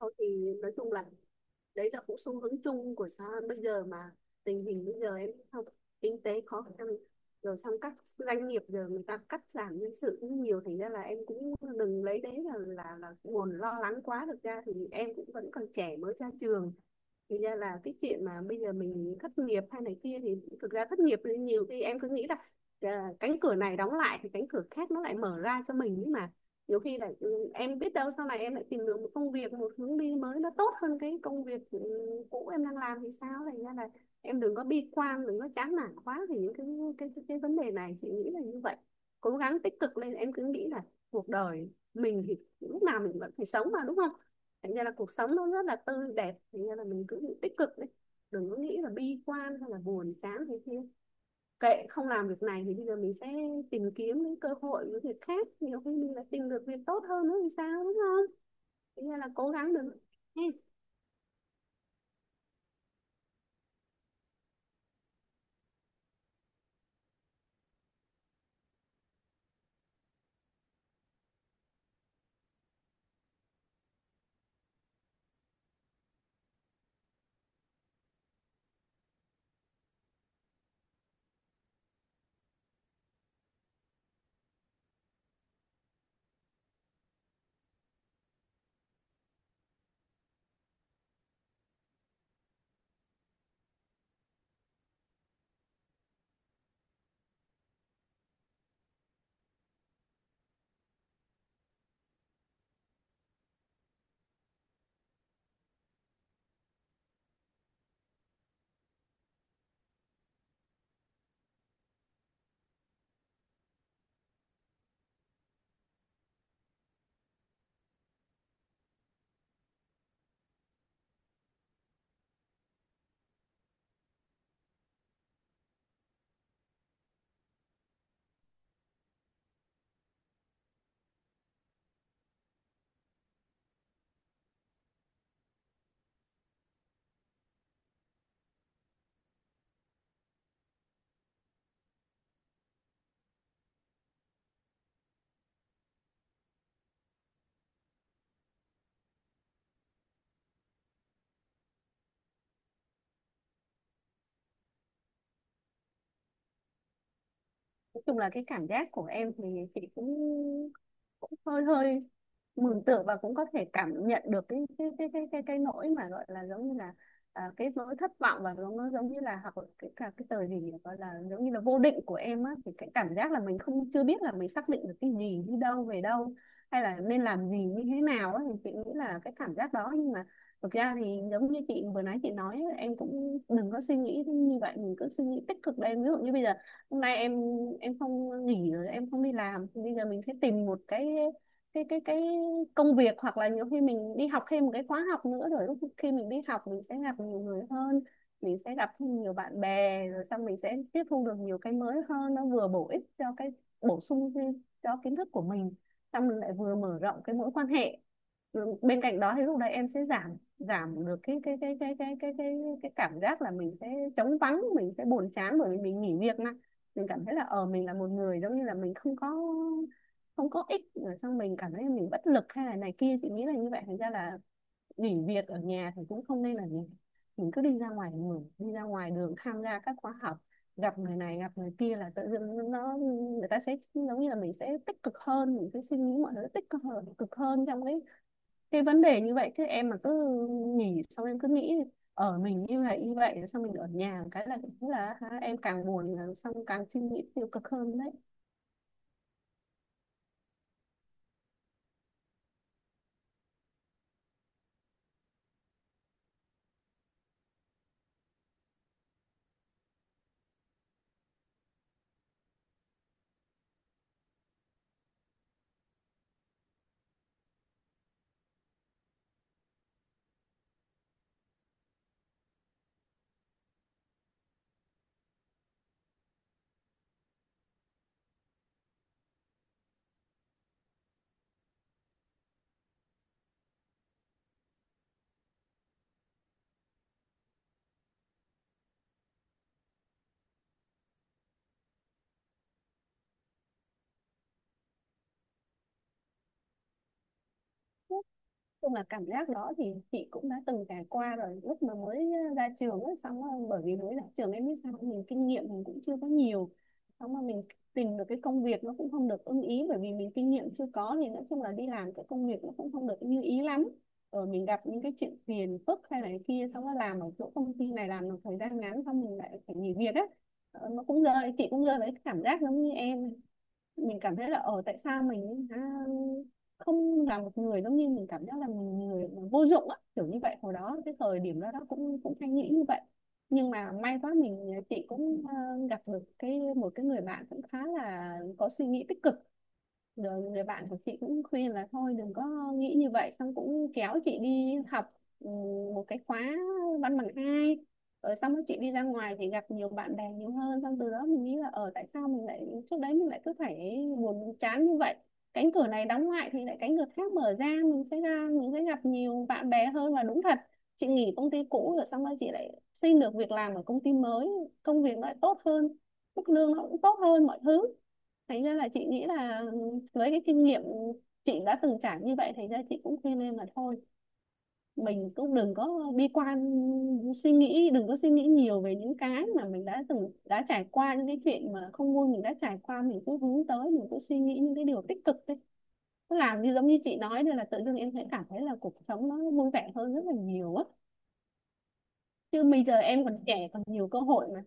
Thôi thì nói chung là đấy là cũng xu hướng chung của xã hội bây giờ mà. Tình hình bây giờ em biết không, kinh tế khó khăn, rồi xong các doanh nghiệp giờ người ta cắt giảm nhân sự cũng nhiều, thành ra là em cũng đừng lấy đấy là nguồn lo lắng quá. Thực ra thì em cũng vẫn còn trẻ, mới ra trường, thì ra là cái chuyện mà bây giờ mình thất nghiệp hay này kia thì thực ra thất nghiệp thì nhiều khi em cứ nghĩ là à, cánh cửa này đóng lại thì cánh cửa khác nó lại mở ra cho mình ấy mà. Nhiều khi là ừ, em biết đâu sau này em lại tìm được một công việc, một hướng đi mới, nó tốt hơn cái công việc cũ em đang làm thì sao. Thành ra là em đừng có bi quan, đừng có chán nản quá, thì những cái vấn đề này chị nghĩ là như vậy. Cố gắng tích cực lên, em cứ nghĩ là cuộc đời mình thì lúc nào mình vẫn phải sống mà, đúng không? Thành ra là cuộc sống nó rất là tươi đẹp, thành ra là mình cứ tích cực đi, đừng có nghĩ là bi quan hay là buồn chán thế kia. Kệ, không làm việc này thì bây giờ mình sẽ tìm kiếm những cơ hội, những việc khác, nhiều khi mình lại tìm được việc tốt hơn nữa thì sao, đúng không? Bây giờ là cố gắng được. Nói chung là cái cảm giác của em thì chị cũng cũng hơi hơi mường tượng, và cũng có thể cảm nhận được cái nỗi mà gọi là giống như là à, cái nỗi thất vọng và giống, nó giống như là, hoặc là cái cả cái tờ gì nhỉ? Gọi là giống như là vô định của em á, thì cái cảm giác là mình không chưa biết là mình xác định được cái gì, đi đâu về đâu, hay là nên làm gì như thế nào á, thì chị nghĩ là cái cảm giác đó. Nhưng mà thực ra thì giống như chị vừa nãy chị nói, em cũng đừng có suy nghĩ như vậy, mình cứ suy nghĩ tích cực lên. Ví dụ như bây giờ hôm nay em không nghỉ rồi, em không đi làm, thì bây giờ mình sẽ tìm một cái công việc, hoặc là nhiều khi mình đi học thêm một cái khóa học nữa, rồi lúc khi mình đi học mình sẽ gặp nhiều người hơn, mình sẽ gặp thêm nhiều bạn bè, rồi xong mình sẽ tiếp thu được nhiều cái mới hơn, nó vừa bổ ích cho cái bổ sung thêm cho kiến thức của mình, xong mình lại vừa mở rộng cái mối quan hệ. Ừ, bên cạnh đó thì lúc đấy em sẽ giảm giảm được cái cảm giác là mình sẽ trống vắng, mình sẽ buồn chán bởi vì mình nghỉ việc nè, mình cảm thấy là mình là một người, giống như là mình không có ích, rồi xong mình cảm thấy là mình bất lực hay là này kia, chị nghĩ là như vậy. Thành ra là nghỉ việc ở nhà thì cũng không nên là gì, mình cứ đi ra ngoài đường tham gia các khóa học, gặp người này gặp người kia, là tự dưng nó người ta sẽ giống như là mình sẽ tích cực hơn, mình sẽ suy nghĩ mọi thứ tích cực hơn trong cái vấn đề như vậy. Chứ em mà cứ nghỉ xong em cứ nghĩ ở mình như vậy như vậy, xong mình ở nhà cái là cũng là ha, em càng buồn là xong càng suy nghĩ tiêu cực hơn đấy. Chung là cảm giác đó thì chị cũng đã từng trải qua rồi, lúc mà mới ra trường ấy, xong rồi, bởi vì mới ra trường em biết sao, mình kinh nghiệm mình cũng chưa có nhiều, xong mà mình tìm được cái công việc nó cũng không được ưng ý, bởi vì mình kinh nghiệm chưa có thì nói chung là đi làm cái công việc nó cũng không được như ý lắm, rồi mình gặp những cái chuyện phiền phức hay này kia, xong rồi làm ở chỗ công ty này làm một thời gian ngắn xong mình lại phải nghỉ việc á. Ờ, nó cũng rơi chị cũng rơi với cái cảm giác giống như em, mình cảm thấy là ở tại sao mình hả, không là một người, giống như mình cảm giác là mình người vô dụng á, kiểu như vậy hồi đó cái thời điểm đó, cũng cũng hay nghĩ như vậy. Nhưng mà may quá chị cũng gặp được một cái người bạn cũng khá là có suy nghĩ tích cực, rồi người bạn của chị cũng khuyên là thôi đừng có nghĩ như vậy, xong cũng kéo chị đi học, ừ, một cái khóa văn bằng hai, rồi xong rồi chị đi ra ngoài thì gặp nhiều bạn bè nhiều hơn, xong từ đó mình nghĩ là ở tại sao mình lại trước đấy mình lại cứ phải buồn chán như vậy. Cánh cửa này đóng lại thì lại cánh cửa khác mở ra, mình sẽ gặp nhiều bạn bè hơn. Và đúng thật, chị nghỉ công ty cũ rồi xong rồi chị lại xin được việc làm ở công ty mới, công việc nó lại tốt hơn, mức lương nó cũng tốt hơn mọi thứ. Thành ra là chị nghĩ là với cái kinh nghiệm chị đã từng trải như vậy, thành ra chị cũng khuyên em là thôi mình cũng đừng có bi quan, suy nghĩ đừng có suy nghĩ nhiều về những cái mà mình đã từng trải qua, những cái chuyện mà không vui mình đã trải qua, mình cứ hướng tới, mình cứ suy nghĩ những cái điều tích cực đi. Cứ làm như giống như chị nói đây là tự dưng em sẽ cảm thấy là cuộc sống nó vui vẻ hơn rất là nhiều á, chứ bây giờ em còn trẻ còn nhiều cơ hội mà.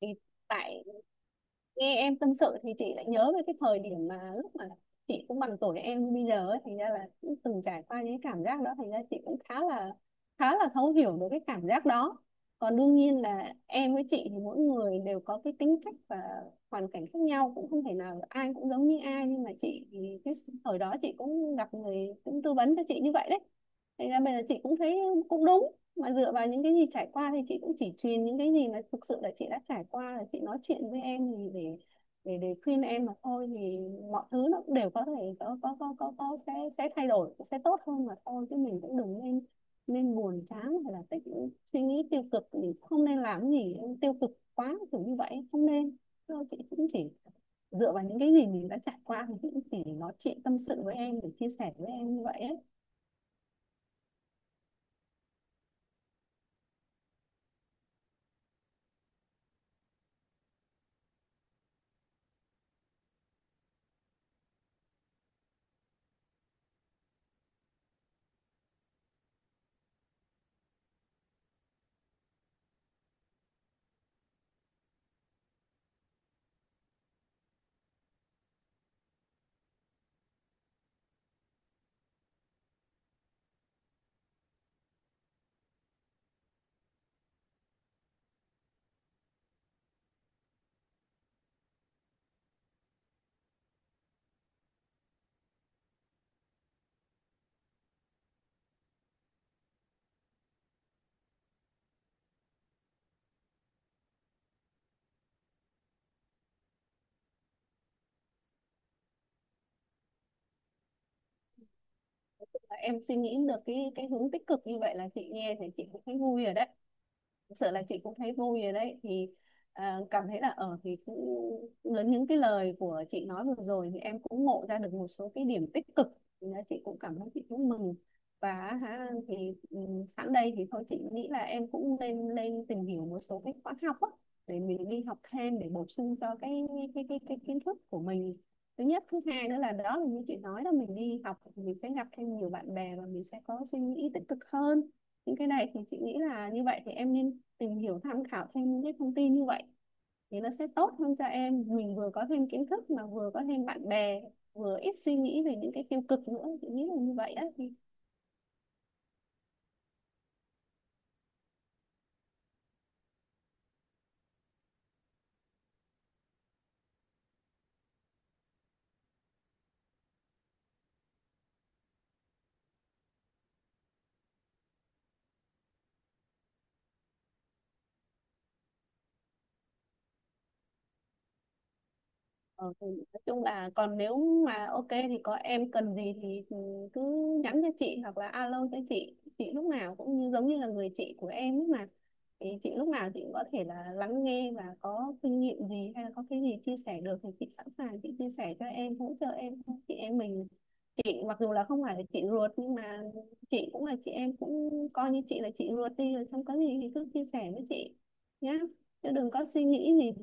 Thì tại nghe em tâm sự thì chị lại nhớ về cái thời điểm mà lúc mà chị cũng bằng tuổi em bây giờ ấy, thành ra là cũng từng trải qua những cái cảm giác đó, thành ra chị cũng khá là thấu hiểu được cái cảm giác đó. Còn đương nhiên là em với chị thì mỗi người đều có cái tính cách và hoàn cảnh khác nhau, cũng không thể nào ai cũng giống như ai, nhưng mà chị thì cái thời đó chị cũng gặp người cũng tư vấn cho chị như vậy đấy, thành ra bây giờ chị cũng thấy cũng đúng. Mà dựa vào những cái gì trải qua thì chị cũng chỉ truyền những cái gì mà thực sự là chị đã trải qua, là chị nói chuyện với em, thì để khuyên em mà thôi. Thì mọi thứ nó cũng đều có thể có sẽ thay đổi, sẽ tốt hơn mà thôi, chứ mình cũng đừng nên nên buồn chán, hay là suy nghĩ tiêu cực, thì không nên làm gì tiêu cực quá kiểu như vậy, không nên. Thôi chị cũng chỉ dựa vào những cái gì mình đã trải qua thì chị cũng chỉ nói chuyện tâm sự với em để chia sẻ với em như vậy ấy. Em suy nghĩ được cái hướng tích cực như vậy là chị nghe thì chị cũng thấy vui rồi đấy, thực sự là chị cũng thấy vui rồi đấy. Thì à, cảm thấy là ở thì cũng lớn những cái lời của chị nói vừa rồi thì em cũng ngộ ra được một số cái điểm tích cực. Thì là chị cũng cảm thấy chị cũng mừng. Và hả, thì ừ, sẵn đây thì thôi chị nghĩ là em cũng nên lên tìm hiểu một số cái khóa học á, để mình đi học thêm để bổ sung cho cái kiến thức của mình. Thứ nhất, thứ hai nữa là đó là như chị nói là mình đi học mình sẽ gặp thêm nhiều bạn bè và mình sẽ có suy nghĩ tích cực hơn. Những cái này thì chị nghĩ là như vậy, thì em nên tìm hiểu tham khảo thêm những cái thông tin như vậy, thì nó sẽ tốt hơn cho em, mình vừa có thêm kiến thức mà vừa có thêm bạn bè, vừa ít suy nghĩ về những cái tiêu cực nữa, chị nghĩ là như vậy á thì. Ờ, thì nói chung là còn nếu mà ok thì có em cần gì thì cứ nhắn cho chị hoặc là alo cho chị lúc nào cũng như giống như là người chị của em ấy mà, thì chị lúc nào chị cũng có thể là lắng nghe, và có kinh nghiệm gì hay là có cái gì chia sẻ được thì chị sẵn sàng chị chia sẻ cho em, hỗ trợ em. Chị em mình, chị mặc dù là không phải là chị ruột nhưng mà chị cũng là chị, em cũng coi như chị là chị ruột đi, rồi xong có gì thì cứ chia sẻ với chị nhá, chứ đừng có suy nghĩ gì.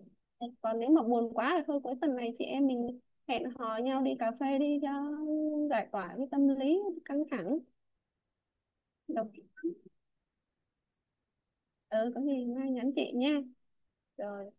Còn nếu mà buồn quá thì thôi cuối tuần này chị em mình hẹn hò nhau đi cà phê đi cho giải tỏa cái tâm lý căng thẳng. Đầu ừ có gì mai nhắn chị nha. Rồi.